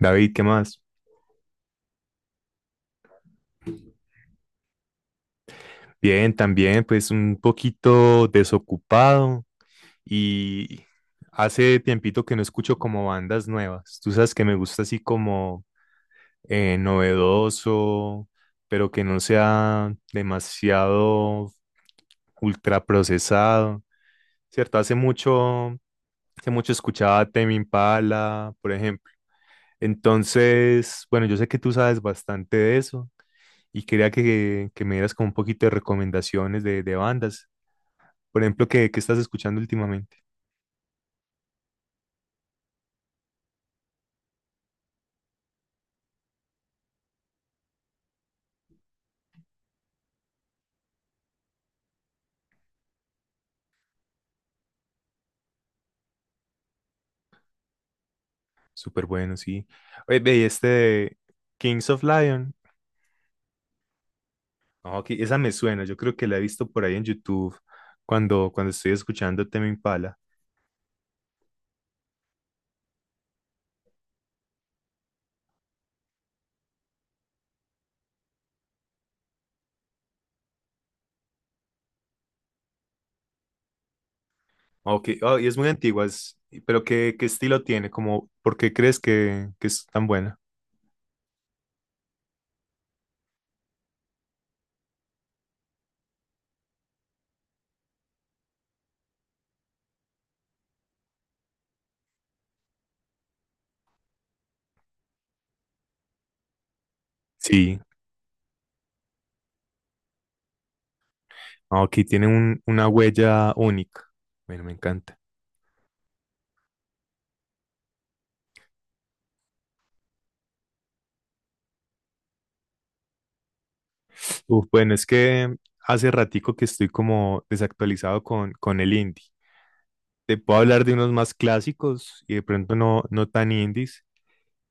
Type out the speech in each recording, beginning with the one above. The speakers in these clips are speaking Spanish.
David, ¿qué más? Bien, también pues un poquito desocupado y Hace tiempito que no escucho como bandas nuevas. Tú sabes que me gusta así como novedoso, pero que no sea demasiado ultraprocesado, ¿cierto? Hace mucho escuchaba Tame Impala, por ejemplo. Entonces, bueno, yo sé que tú sabes bastante de eso. Y quería que me dieras como un poquito de recomendaciones de bandas. Por ejemplo, ¿qué estás escuchando últimamente? Súper bueno, sí. Oye, ve, y este de Kings of Lion. Ah, ok, esa me suena, yo creo que la he visto por ahí en YouTube cuando estoy escuchando Tame Impala. Ah, ok, ah, y es muy antigua, pero ¿qué estilo tiene? Como, ¿por qué crees que es tan buena? Sí, ah, ok, tiene una huella única. Bueno, me encanta. Uf, bueno, es que hace ratico que estoy como desactualizado con el indie. Te puedo hablar de unos más clásicos y de pronto no tan indies.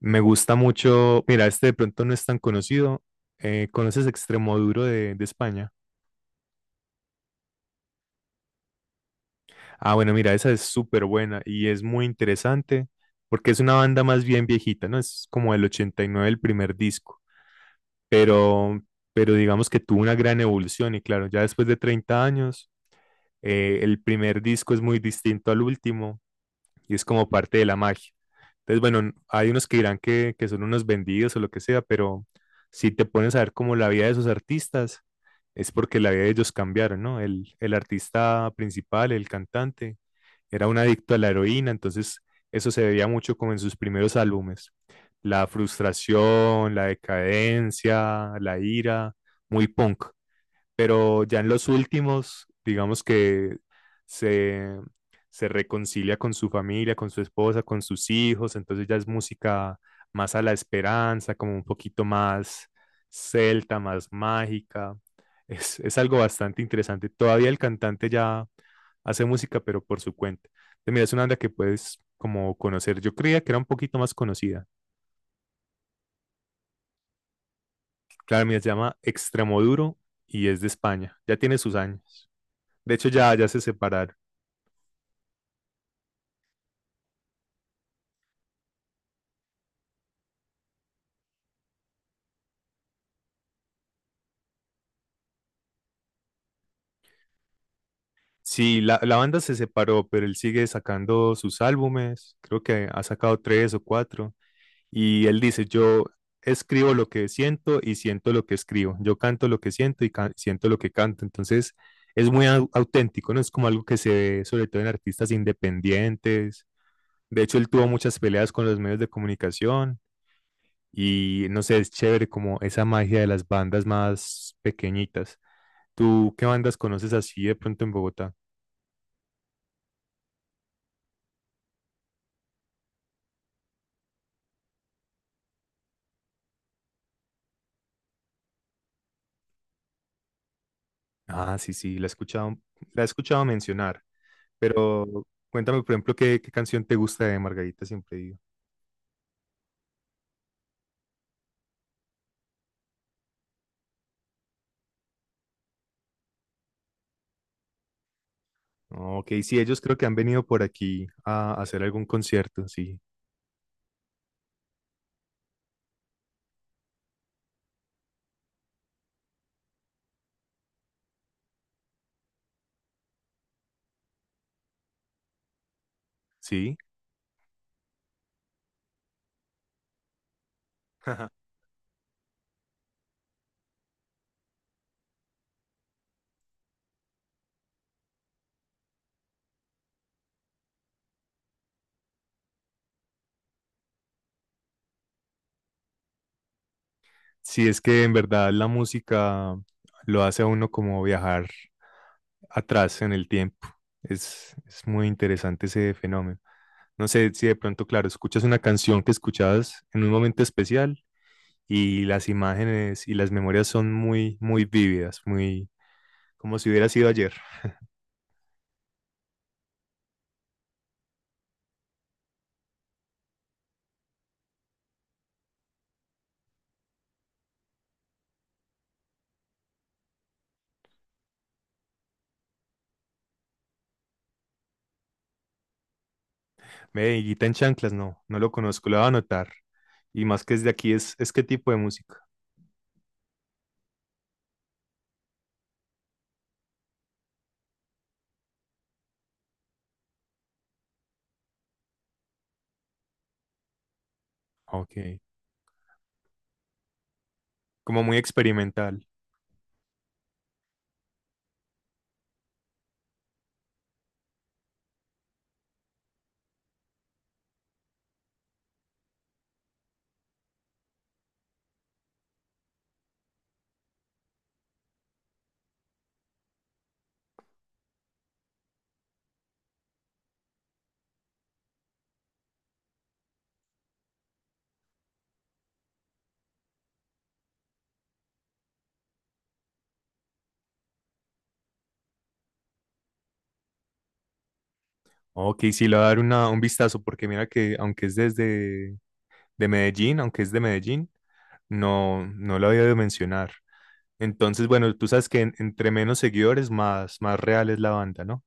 Me gusta mucho, mira, este de pronto no es tan conocido. ¿Conoces Extremoduro de España? Ah, bueno, mira, esa es súper buena y es muy interesante porque es una banda más bien viejita, ¿no? Es como el 89 el primer disco, pero, pero digamos que tuvo una gran evolución y claro, ya después de 30 años el primer disco es muy distinto al último y es como parte de la magia. Entonces, bueno, hay unos que dirán que son unos vendidos o lo que sea, pero si te pones a ver como la vida de esos artistas, es porque la vida de ellos cambiaron, ¿no? El artista principal, el cantante, era un adicto a la heroína, entonces eso se veía mucho como en sus primeros álbumes. La frustración, la decadencia, la ira, muy punk, pero ya en los últimos, digamos que se, se reconcilia con su familia, con su esposa, con sus hijos, entonces ya es música más a la esperanza, como un poquito más celta, más mágica. Es algo bastante interesante. Todavía el cantante ya hace música, pero por su cuenta. Entonces, mira, es una banda que puedes como conocer. Yo creía que era un poquito más conocida. Claro, mira, se llama Extremoduro y es de España. Ya tiene sus años. De hecho, ya, ya se separaron. Sí, la banda se separó, pero él sigue sacando sus álbumes, creo que ha sacado tres o cuatro, y él dice, yo escribo lo que siento y siento lo que escribo, yo canto lo que siento y siento lo que canto, entonces es muy auténtico, ¿no? Es como algo que se ve sobre todo en artistas independientes, de hecho él tuvo muchas peleas con los medios de comunicación y no sé, es chévere como esa magia de las bandas más pequeñitas. ¿Tú qué bandas conoces así de pronto en Bogotá? Ah, sí, sí, la he escuchado, mencionar, pero cuéntame, por ejemplo, qué canción te gusta de Margarita Siempre Viva. Ok, sí, ellos creo que han venido por aquí a hacer algún concierto, sí, sí. Sí, es que en verdad la música lo hace a uno como viajar atrás en el tiempo. Es muy interesante ese fenómeno. No sé si de pronto, claro, escuchas una canción que escuchabas en un momento especial y las imágenes y las memorias son muy, muy vívidas, muy como si hubiera sido ayer. Medellita en chanclas, no, no lo conozco, lo voy a anotar. Y más que es de aquí, es qué tipo de música. Ok. Como muy experimental. Ok, sí, le voy a dar una, un vistazo porque mira que aunque es desde de Medellín, aunque es de Medellín, no, no lo había de mencionar. Entonces, bueno, tú sabes que entre menos seguidores, más real es la banda, ¿no?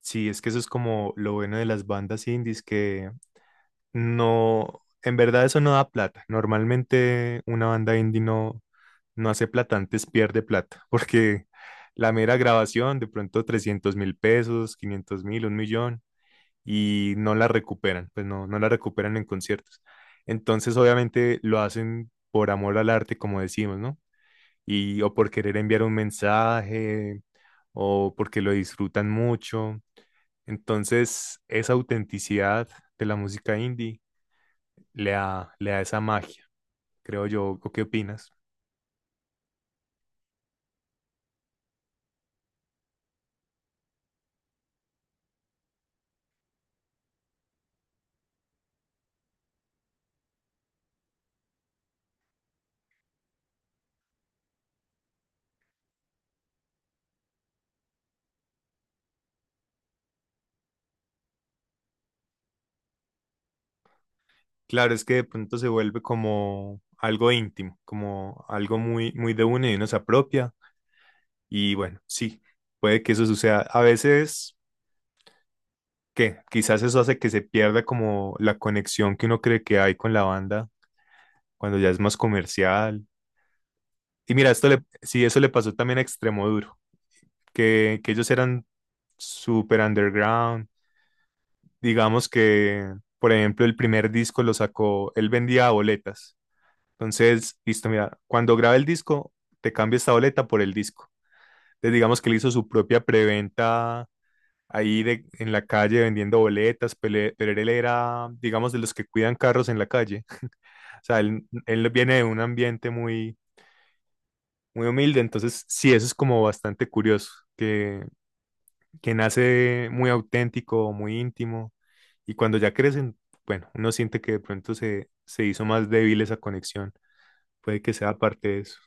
Sí, es que eso es como lo bueno de las bandas indies, que no, en verdad eso no da plata. Normalmente una banda indie no hace plata, antes pierde plata, porque la mera grabación, de pronto 300.000 pesos, 500.000, un millón, y no la recuperan, pues no la recuperan en conciertos. Entonces, obviamente lo hacen por amor al arte, como decimos, ¿no? Y o por querer enviar un mensaje o porque lo disfrutan mucho. Entonces, esa autenticidad de la música indie le da esa magia, creo yo. ¿O qué opinas? Claro, es que de pronto se vuelve como algo íntimo, como algo muy, muy de uno y uno se apropia. Y bueno, sí, puede que eso suceda. A veces, que quizás eso hace que se pierda como la conexión que uno cree que hay con la banda cuando ya es más comercial. Y mira, sí, eso le pasó también a Extremo Duro, que ellos eran super underground. Digamos que, por ejemplo, el primer disco lo sacó, él vendía boletas. Entonces, listo, mira, cuando graba el disco, te cambia esta boleta por el disco. Entonces, digamos que él hizo su propia preventa ahí de, en la calle vendiendo boletas, pero él era, digamos, de los que cuidan carros en la calle. O sea, él viene de un ambiente muy, muy humilde, entonces sí, eso es como bastante curioso, que que nace muy auténtico, muy íntimo, y cuando ya crecen, bueno, uno siente que de pronto se hizo más débil esa conexión, puede que sea parte de eso.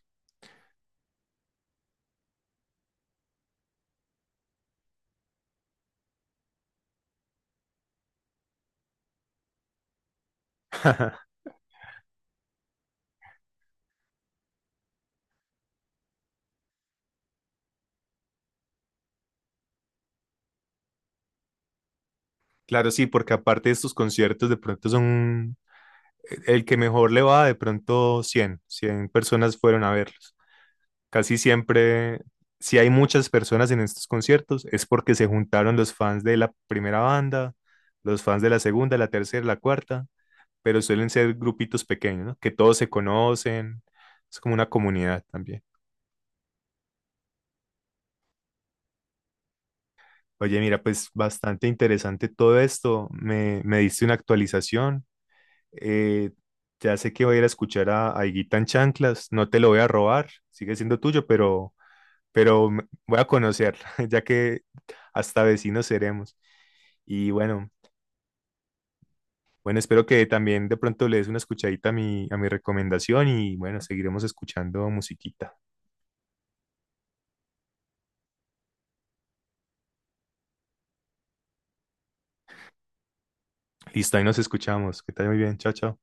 Claro, sí, porque aparte de estos conciertos, de pronto son el que mejor le va, de pronto 100, 100 personas fueron a verlos. Casi siempre, si hay muchas personas en estos conciertos, es porque se juntaron los fans de la primera banda, los fans de la segunda, la tercera, la cuarta, pero suelen ser grupitos pequeños, ¿no? Que todos se conocen, es como una comunidad también. Oye, mira, pues bastante interesante todo esto. Me diste una actualización. Eh, ya sé que voy a ir a escuchar a Higuita en Chanclas. No te lo voy a robar, sigue siendo tuyo, pero, voy a conocer, ya que hasta vecinos seremos. Y bueno, bueno, espero que también de pronto le des una escuchadita a mi recomendación y bueno, seguiremos escuchando musiquita. Listo, ahí nos escuchamos. Que te vaya muy bien. Chao, chao.